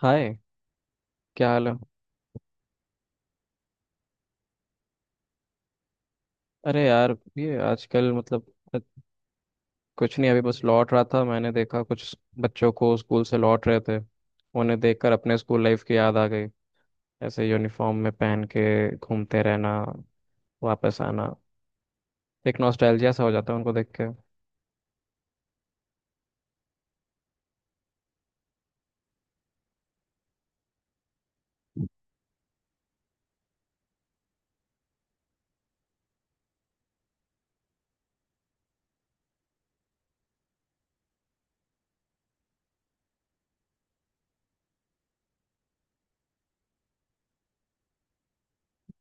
हाय। क्या हाल है? अरे यार ये आजकल मतलब कुछ नहीं, अभी बस लौट रहा था। मैंने देखा कुछ बच्चों को स्कूल से लौट रहे थे, उन्हें देखकर अपने स्कूल लाइफ की याद आ गई। ऐसे यूनिफॉर्म में पहन के घूमते रहना, वापस आना, एक नॉस्टैल्जिया सा हो जाता है उनको देख के।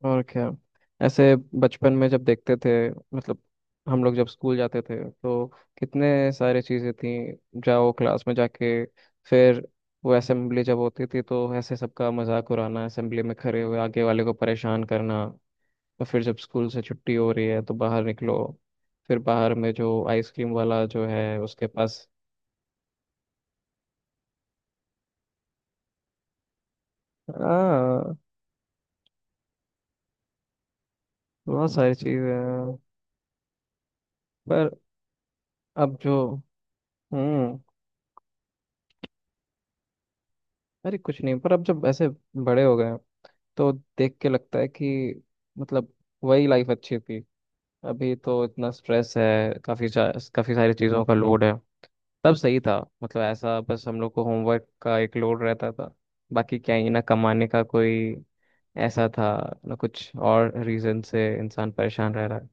और क्या, ऐसे बचपन में जब देखते थे, मतलब हम लोग जब स्कूल जाते थे तो कितने सारे चीज़ें थी। जाओ क्लास में जाके, फिर वो असेंबली जब होती थी तो ऐसे सबका मजाक उड़ाना, असेंबली में खड़े हुए आगे वाले को परेशान करना। तो फिर जब स्कूल से छुट्टी हो रही है तो बाहर निकलो, फिर बाहर में जो आइसक्रीम वाला जो है उसके पास। हाँ, बहुत सारी चीज़ें हैं। पर अब जो, हम्म अरे कुछ नहीं, पर अब जब ऐसे बड़े हो गए तो देख के लगता है कि मतलब वही लाइफ अच्छी थी। अभी तो इतना स्ट्रेस है, काफ़ी काफ़ी सारी चीज़ों का लोड है। तब सही था, मतलब ऐसा बस हम लोग को होमवर्क का एक लोड रहता था, बाकी क्या ही ना कमाने का कोई ऐसा था, ना कुछ और रीज़न से इंसान परेशान रह रहा है।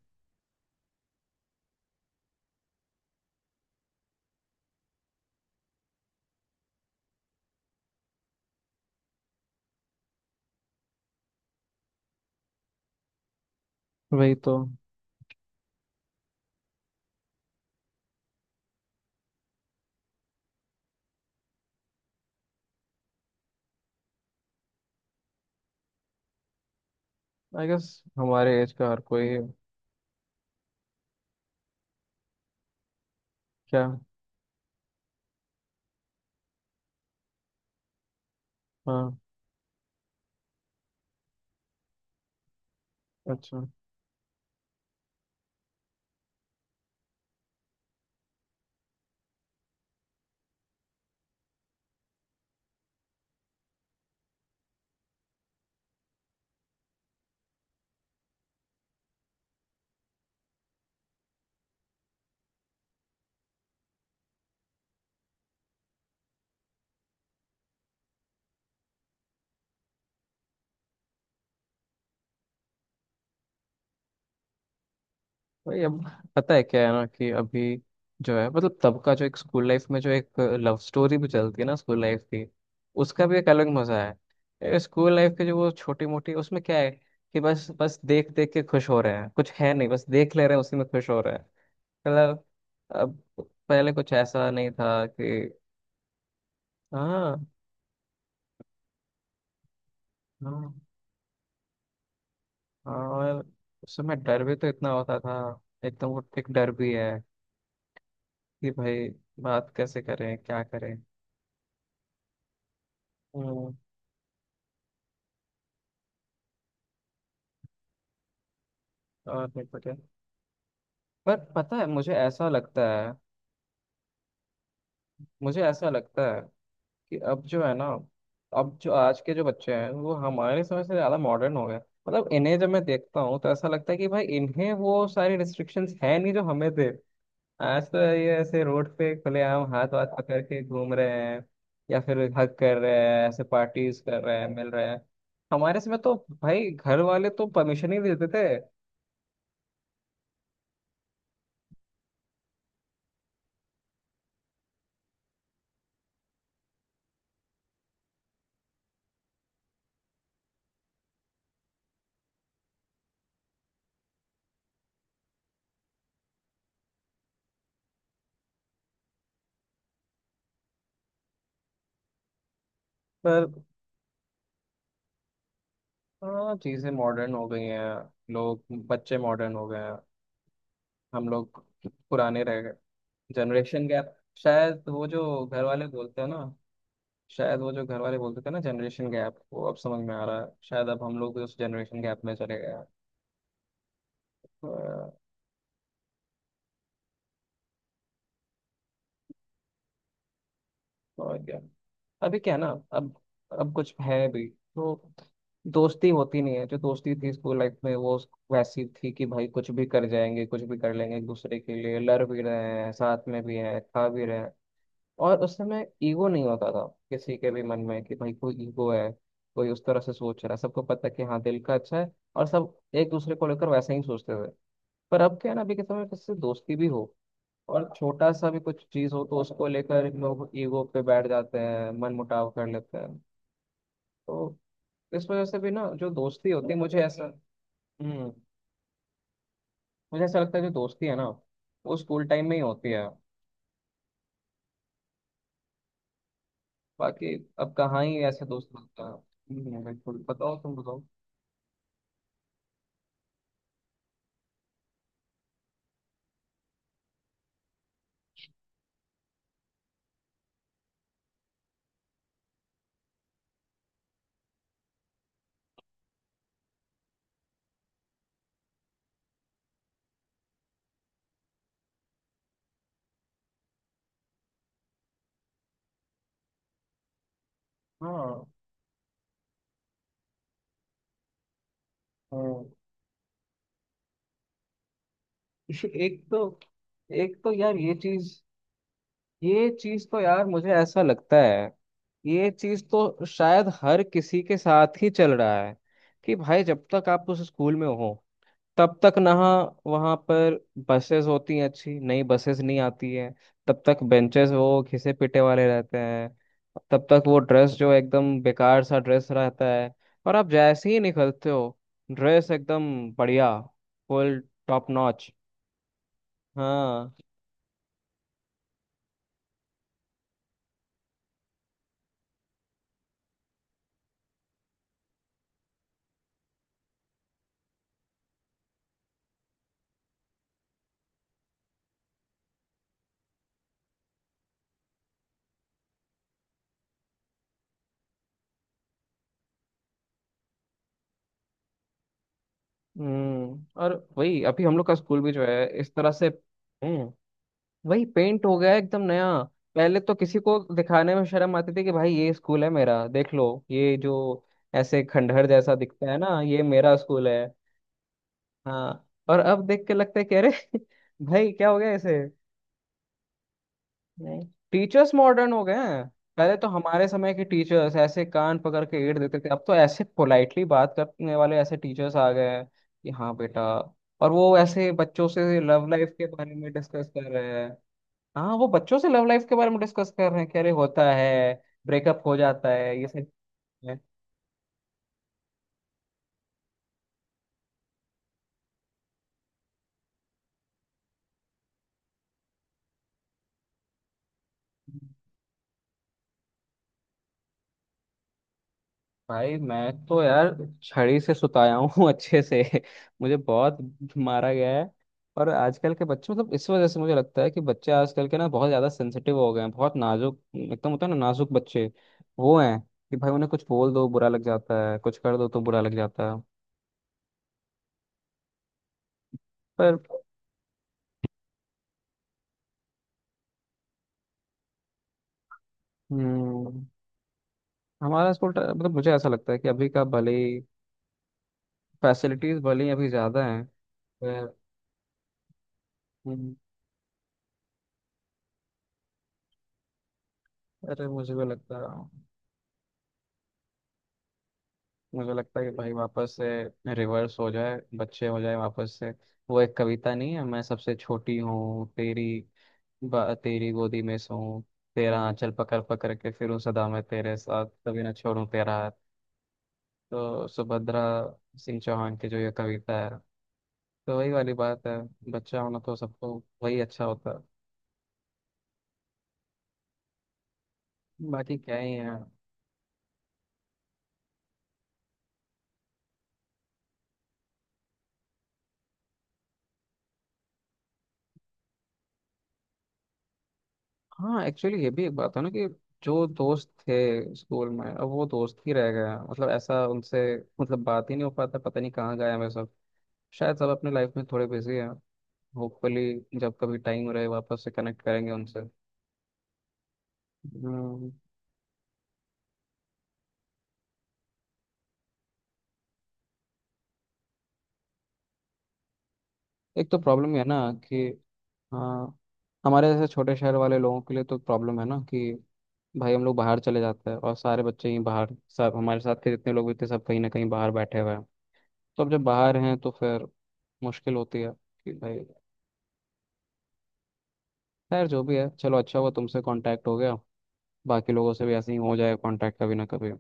वही तो। आई गेस हमारे एज का हर कोई है। क्या? हाँ। अच्छा। भाई अब पता है क्या है ना कि अभी जो है, मतलब तब का जो एक स्कूल लाइफ में जो एक लव स्टोरी भी चलती है ना स्कूल लाइफ की, उसका भी एक अलग मजा है, स्कूल लाइफ के जो वो छोटी मोटी, उसमें क्या है कि बस बस देख देख के खुश हो रहे हैं, कुछ है नहीं, बस देख ले रहे हैं उसी में खुश हो रहे हैं। मतलब अब पहले कुछ ऐसा नहीं था कि। हाँ हाँ हाँ, और उस समय डर भी तो इतना होता था, एकदम वो एक डर भी है कि भाई बात कैसे करें क्या करें। हम्म। और नहीं पता। पर पता है, मुझे ऐसा लगता है, मुझे ऐसा लगता है कि अब जो है ना, अब जो आज के जो बच्चे हैं वो हमारे समय से ज़्यादा मॉडर्न हो गए, मतलब इन्हें जब मैं देखता हूँ तो ऐसा लगता है कि भाई इन्हें वो सारी रिस्ट्रिक्शंस है नहीं जो हमें थे। आज तो ये ऐसे रोड पे खुलेआम हाथ वाथ पकड़ के घूम रहे हैं, या फिर हक कर रहे हैं, ऐसे पार्टीज कर रहे हैं, मिल रहे हैं। हमारे समय तो भाई घर वाले तो परमिशन ही नहीं देते थे। पर हाँ, चीज़ें मॉडर्न हो गई हैं, लोग, बच्चे मॉडर्न हो गए हैं, हम लोग पुराने रह गए, जनरेशन गैप। शायद वो जो घर वाले बोलते हैं ना, शायद वो जो घर वाले बोलते थे ना, जनरेशन गैप वो अब समझ में आ रहा है, शायद अब हम लोग उस जनरेशन गैप में चले गए हैं। अ, और क्या। अभी क्या है ना, अब कुछ है भी तो दोस्ती होती नहीं है, जो दोस्ती थी स्कूल लाइफ में वो वैसी थी कि भाई कुछ भी कर जाएंगे, कुछ भी कर लेंगे एक दूसरे के लिए, लड़ भी रहे हैं साथ में भी हैं खा भी रहे हैं। और उस समय ईगो नहीं होता था किसी के भी मन में कि भाई कोई ईगो है, कोई उस तरह से सोच रहा है, सबको पता है कि हाँ दिल का अच्छा है, और सब एक दूसरे को लेकर वैसे ही सोचते थे। पर अब क्या है ना, अभी के समय में किसी से दोस्ती भी हो और छोटा सा भी कुछ चीज हो तो उसको लेकर लोग ईगो पे बैठ जाते हैं, मन मुटाव कर लेते हैं। तो इस वजह से भी ना जो दोस्ती होती है, मुझे ऐसा। हम्म मुझे ऐसा लगता है जो दोस्ती है ना वो स्कूल टाइम में ही होती है। बाकी अब कहाँ ही ऐसे दोस्त मिलते हैं। बिल्कुल, बताओ तुम बताओ। हाँ। हम्म, एक तो एक तो यार ये चीज, ये चीज तो यार मुझे ऐसा लगता है, ये चीज तो शायद हर किसी के साथ ही चल रहा है कि भाई जब तक आप उस स्कूल में हो तब तक ना वहाँ पर बसेस होती हैं, अच्छी नई बसेस नहीं आती है, तब तक बेंचेस वो घिसे पिटे वाले रहते हैं, तब तक वो ड्रेस जो एकदम बेकार सा ड्रेस रहता है, और आप जैसे ही निकलते हो, ड्रेस एकदम बढ़िया, फुल टॉप नॉच। हाँ। और वही अभी हम लोग का स्कूल भी जो है इस तरह से। हम्म वही पेंट हो गया है एकदम नया। पहले तो किसी को दिखाने में शर्म आती थी कि भाई ये स्कूल है मेरा, देख लो, ये जो ऐसे खंडहर जैसा दिखता है ना ये मेरा स्कूल है। हाँ, और अब देख के लगता है कि अरे, भाई क्या हो गया इसे। नहीं, टीचर्स मॉडर्न हो गए हैं, पहले तो हमारे समय के टीचर्स ऐसे कान पकड़ के एड़ देते थे, अब तो ऐसे पोलाइटली बात करने वाले ऐसे टीचर्स आ गए हैं कि हाँ बेटा, और वो ऐसे बच्चों से लव लाइफ के बारे में डिस्कस कर रहे हैं। हाँ, वो बच्चों से लव लाइफ के बारे में डिस्कस कर रहे हैं कि अरे होता है, ब्रेकअप हो जाता है ये सब चीजें। भाई मैं तो यार छड़ी से सुताया हूँ अच्छे से, मुझे बहुत मारा गया है। और आजकल के बच्चे, मतलब इस वजह से मुझे लगता है कि बच्चे आजकल के ना बहुत ज्यादा सेंसिटिव हो गए हैं, बहुत नाजुक एकदम, होता है ना नाजुक बच्चे, वो हैं कि भाई उन्हें कुछ बोल दो बुरा लग जाता है, कुछ कर दो तो बुरा लग जाता है। पर। हम्म मतलब मुझे ऐसा लगता है कि अभी का भले ही फैसिलिटीज भले ही अभी ज्यादा हैं, पर। हम्म, अरे मुझे भी लगता है, मुझे लगता है कि भाई वापस से रिवर्स हो जाए, बच्चे हो जाए वापस से। वो एक कविता नहीं है, मैं सबसे छोटी हूँ तेरी, तेरी गोदी में सोऊं, तेरा आंचल पकड़ पकड़ के फिरूं, सदा मैं तेरे साथ, कभी ना छोड़ूं तेरा हाथ। तो सुभद्रा सिंह चौहान की जो ये कविता है, तो वही वाली बात है, बच्चा होना तो सबको वही अच्छा होता है। बाकी क्या ही है। हाँ एक्चुअली ये भी एक बात है ना कि जो दोस्त थे स्कूल में अब वो दोस्त ही रह गए हैं, मतलब ऐसा उनसे, मतलब बात ही नहीं हो पाता, पता नहीं कहाँ गए हमें सब, शायद सब अपने लाइफ में थोड़े बिजी हैं, होपफुली जब कभी टाइम रहे वापस से कनेक्ट करेंगे उनसे। हम्म, एक तो प्रॉब्लम है ना कि। हाँ, हमारे जैसे छोटे शहर वाले लोगों के लिए तो प्रॉब्लम है ना कि भाई हम लोग बाहर चले जाते हैं, और सारे बच्चे ही बाहर, सब हमारे साथ के जितने लोग भी थे सब कहीं ना कहीं बाहर बैठे हुए हैं, तो अब जब बाहर हैं तो फिर मुश्किल होती है कि भाई। खैर जो भी है, चलो अच्छा हुआ तुमसे कांटेक्ट हो गया, बाकी लोगों से भी ऐसे ही हो जाए कांटेक्ट कभी ना कभी।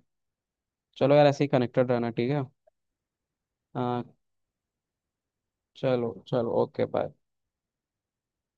चलो यार, ऐसे ही कनेक्टेड रहना ठीक है। हाँ। चलो चलो, ओके बाय।